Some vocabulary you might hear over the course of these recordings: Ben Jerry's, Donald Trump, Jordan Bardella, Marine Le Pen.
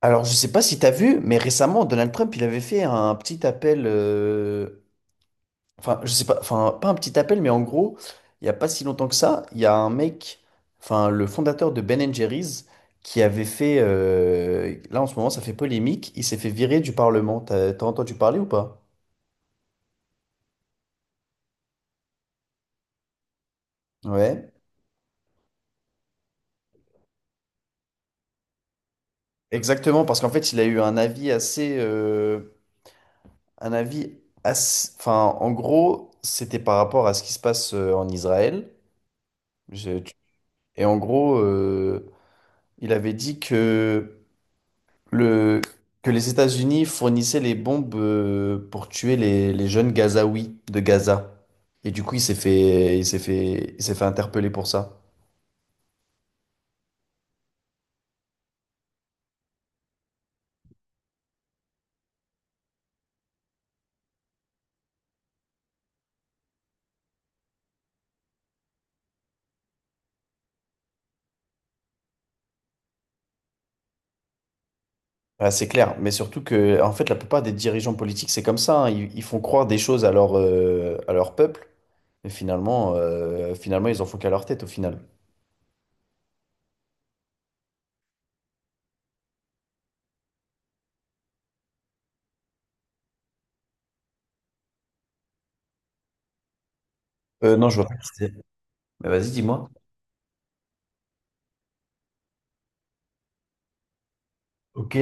Alors, je sais pas si tu as vu, mais récemment, Donald Trump, il avait fait un petit appel, enfin, je sais pas, enfin, pas un petit appel, mais en gros, il y a pas si longtemps que ça, il y a un mec, enfin, le fondateur de Ben Jerry's, qui avait fait, là, en ce moment, ça fait polémique, il s'est fait virer du Parlement. T'as entendu parler ou pas? Ouais, exactement, parce qu'en fait, il a eu un avis assez, enfin, en gros, c'était par rapport à ce qui se passe en Israël. Je- tu- et en gros, il avait dit que, le, que les États-Unis fournissaient les bombes pour tuer les jeunes Gazaouis de Gaza. Et du coup, il s'est fait, il s'est fait, il s'est fait interpeller pour ça. Ouais, c'est clair, mais surtout que, en fait, la plupart des dirigeants politiques, c'est comme ça, hein. Ils font croire des choses à leur peuple, et finalement, finalement, ils en font qu'à leur tête au final. Non, je vois pas qui c'est. Mais vas-y, dis-moi. Ok.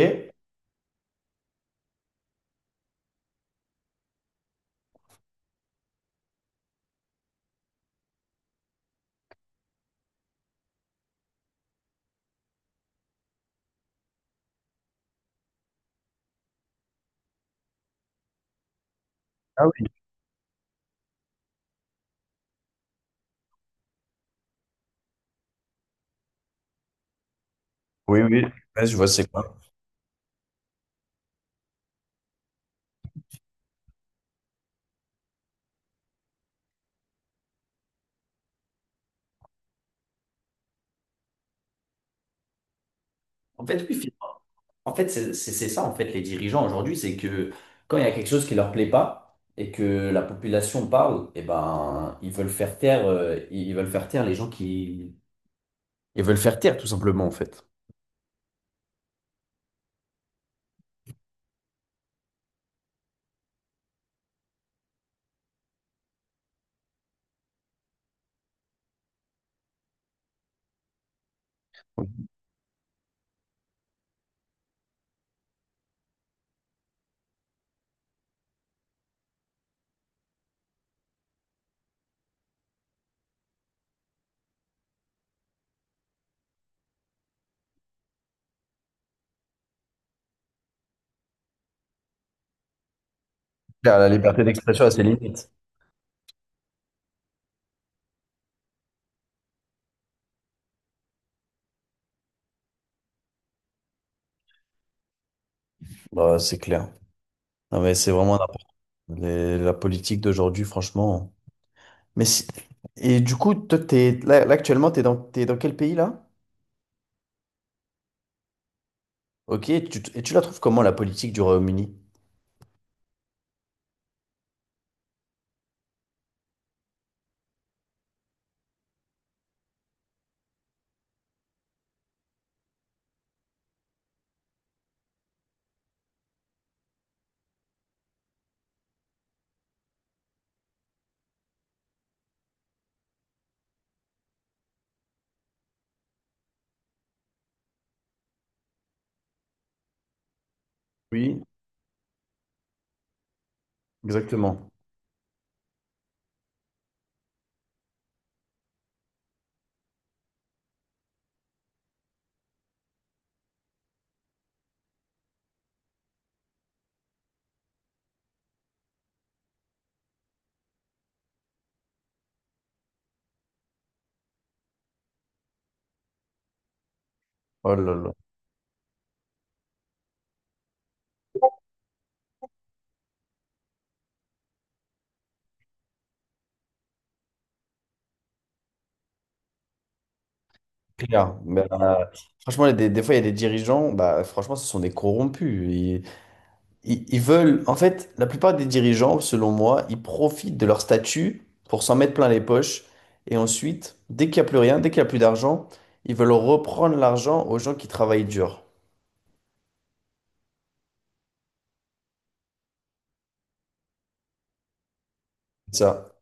Ah oui. Oui, oui. Ouais, je vois c'est quoi. En fait, lui, En fait, c'est ça, en fait, les dirigeants aujourd'hui, c'est que quand il y a quelque chose qui leur plaît pas et que la population parle, eh ben, ils veulent faire taire, ils veulent faire taire les gens qui... Ils veulent faire taire, tout simplement, en fait. Claire, la liberté d'expression a ses limites. Bah, c'est clair. Non, mais c'est vraiment la politique d'aujourd'hui, franchement. Mais si- Et du coup, toi, t'es... Là, actuellement, t'es dans quel pays là? Ok, et tu la trouves comment la politique du Royaume-Uni? Oui, exactement. Oh là là. Clair. Ben, franchement, il y a des fois, il y a des dirigeants, bah, franchement, ce sont des corrompus. Ils veulent, en fait, la plupart des dirigeants, selon moi, ils profitent de leur statut pour s'en mettre plein les poches. Et ensuite, dès qu'il n'y a plus rien, dès qu'il n'y a plus d'argent, ils veulent reprendre l'argent aux gens qui travaillent dur. C'est ça.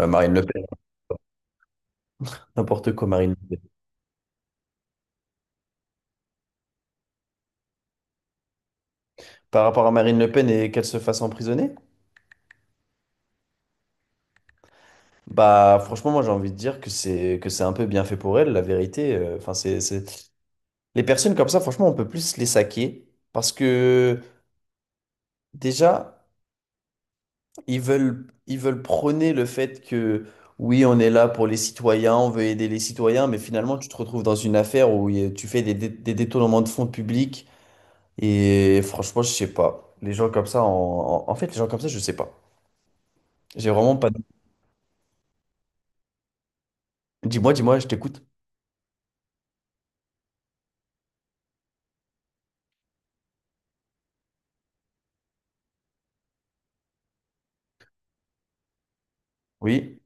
Marine Le Pen, n'importe quoi, Marine Le Pen. Par rapport à Marine Le Pen et qu'elle se fasse emprisonner, bah, franchement, moi, j'ai envie de dire que c'est un peu bien fait pour elle, la vérité. Enfin, les personnes comme ça, franchement, on peut plus les saquer parce que déjà, ils veulent prôner le fait que oui, on est là pour les citoyens, on veut aider les citoyens, mais finalement, tu te retrouves dans une affaire où il y a- tu fais des détournements de fonds publics et franchement, je sais pas. Les gens comme ça, en fait, les gens comme ça, je sais pas. J'ai vraiment pas. De- Dis-moi, dis-moi, je t'écoute. Oui.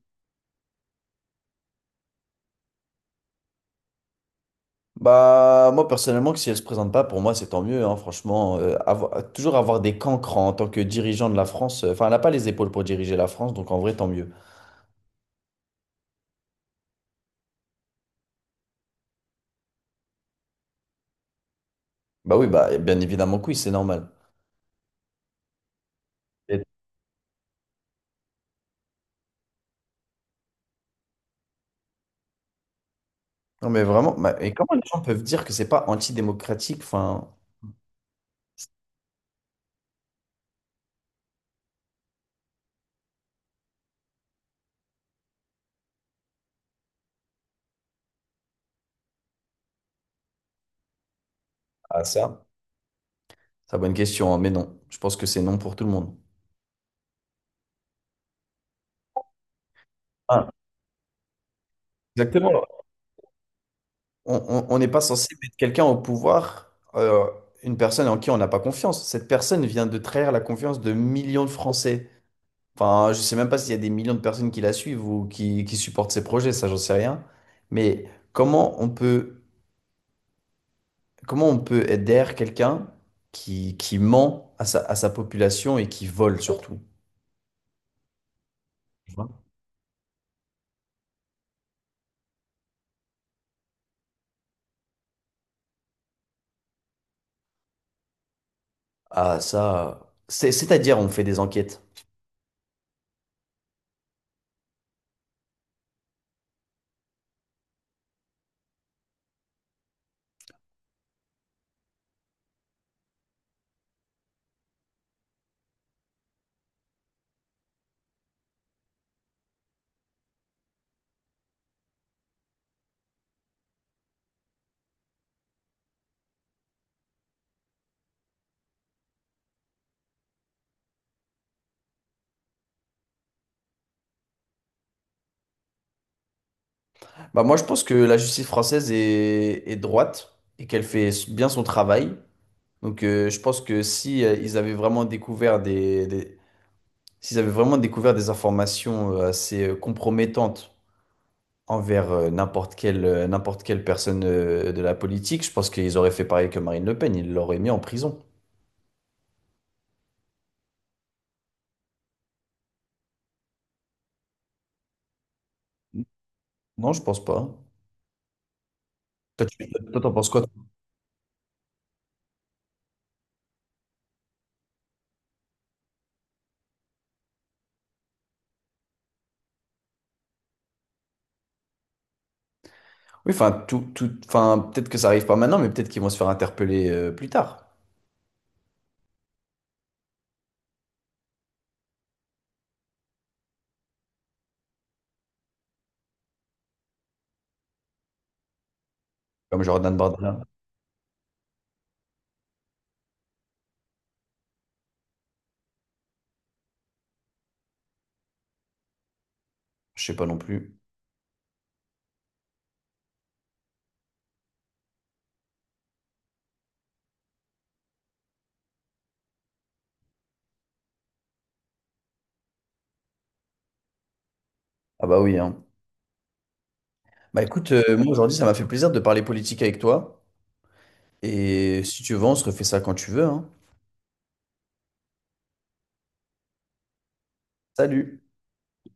Bah, moi, personnellement, que si elle se présente pas, pour moi, c'est tant mieux, hein, franchement. Toujours avoir des cancrans en tant que dirigeant de la France. Enfin, elle n'a pas les épaules pour diriger la France, donc en vrai, tant mieux. Bah oui, bah, bien évidemment que oui, c'est normal. Et- Non, mais vraiment, bah, et comment les gens peuvent dire que c'est pas antidémocratique? Enfin, ah, ça, c'est une bonne question, hein, mais non. Je pense que c'est non pour tout le monde. Ah, exactement. On n'est pas censé mettre quelqu'un au pouvoir, une personne en qui on n'a pas confiance. Cette personne vient de trahir la confiance de millions de Français. Enfin, je sais même pas s'il y a des millions de personnes qui la suivent ou qui supportent ses projets, ça j'en sais rien. Mais comment on peut, comment on peut être derrière quelqu'un qui ment à à sa population et qui vole surtout? Tu vois. Ah ça, c'est-à-dire on fait des enquêtes. Bah moi je pense que la justice française est droite et qu'elle fait bien son travail. Donc je pense que si ils avaient vraiment découvert des- s'ils avaient vraiment découvert des informations assez compromettantes envers n'importe quelle personne de la politique, je pense qu'ils auraient fait pareil que Marine Le Pen, ils l'auraient mis en prison. Non, je pense pas. Toi, t'en penses quoi? Oui, enfin, tout, enfin, peut-être que ça arrive pas maintenant, mais peut-être qu'ils vont se faire interpeller plus tard, comme Jordan Bardella. Je sais pas non plus. Ah bah oui, hein. Bah écoute, moi aujourd'hui, ça m'a fait plaisir de parler politique avec toi. Et si tu veux, on se refait ça quand tu veux, hein. Salut!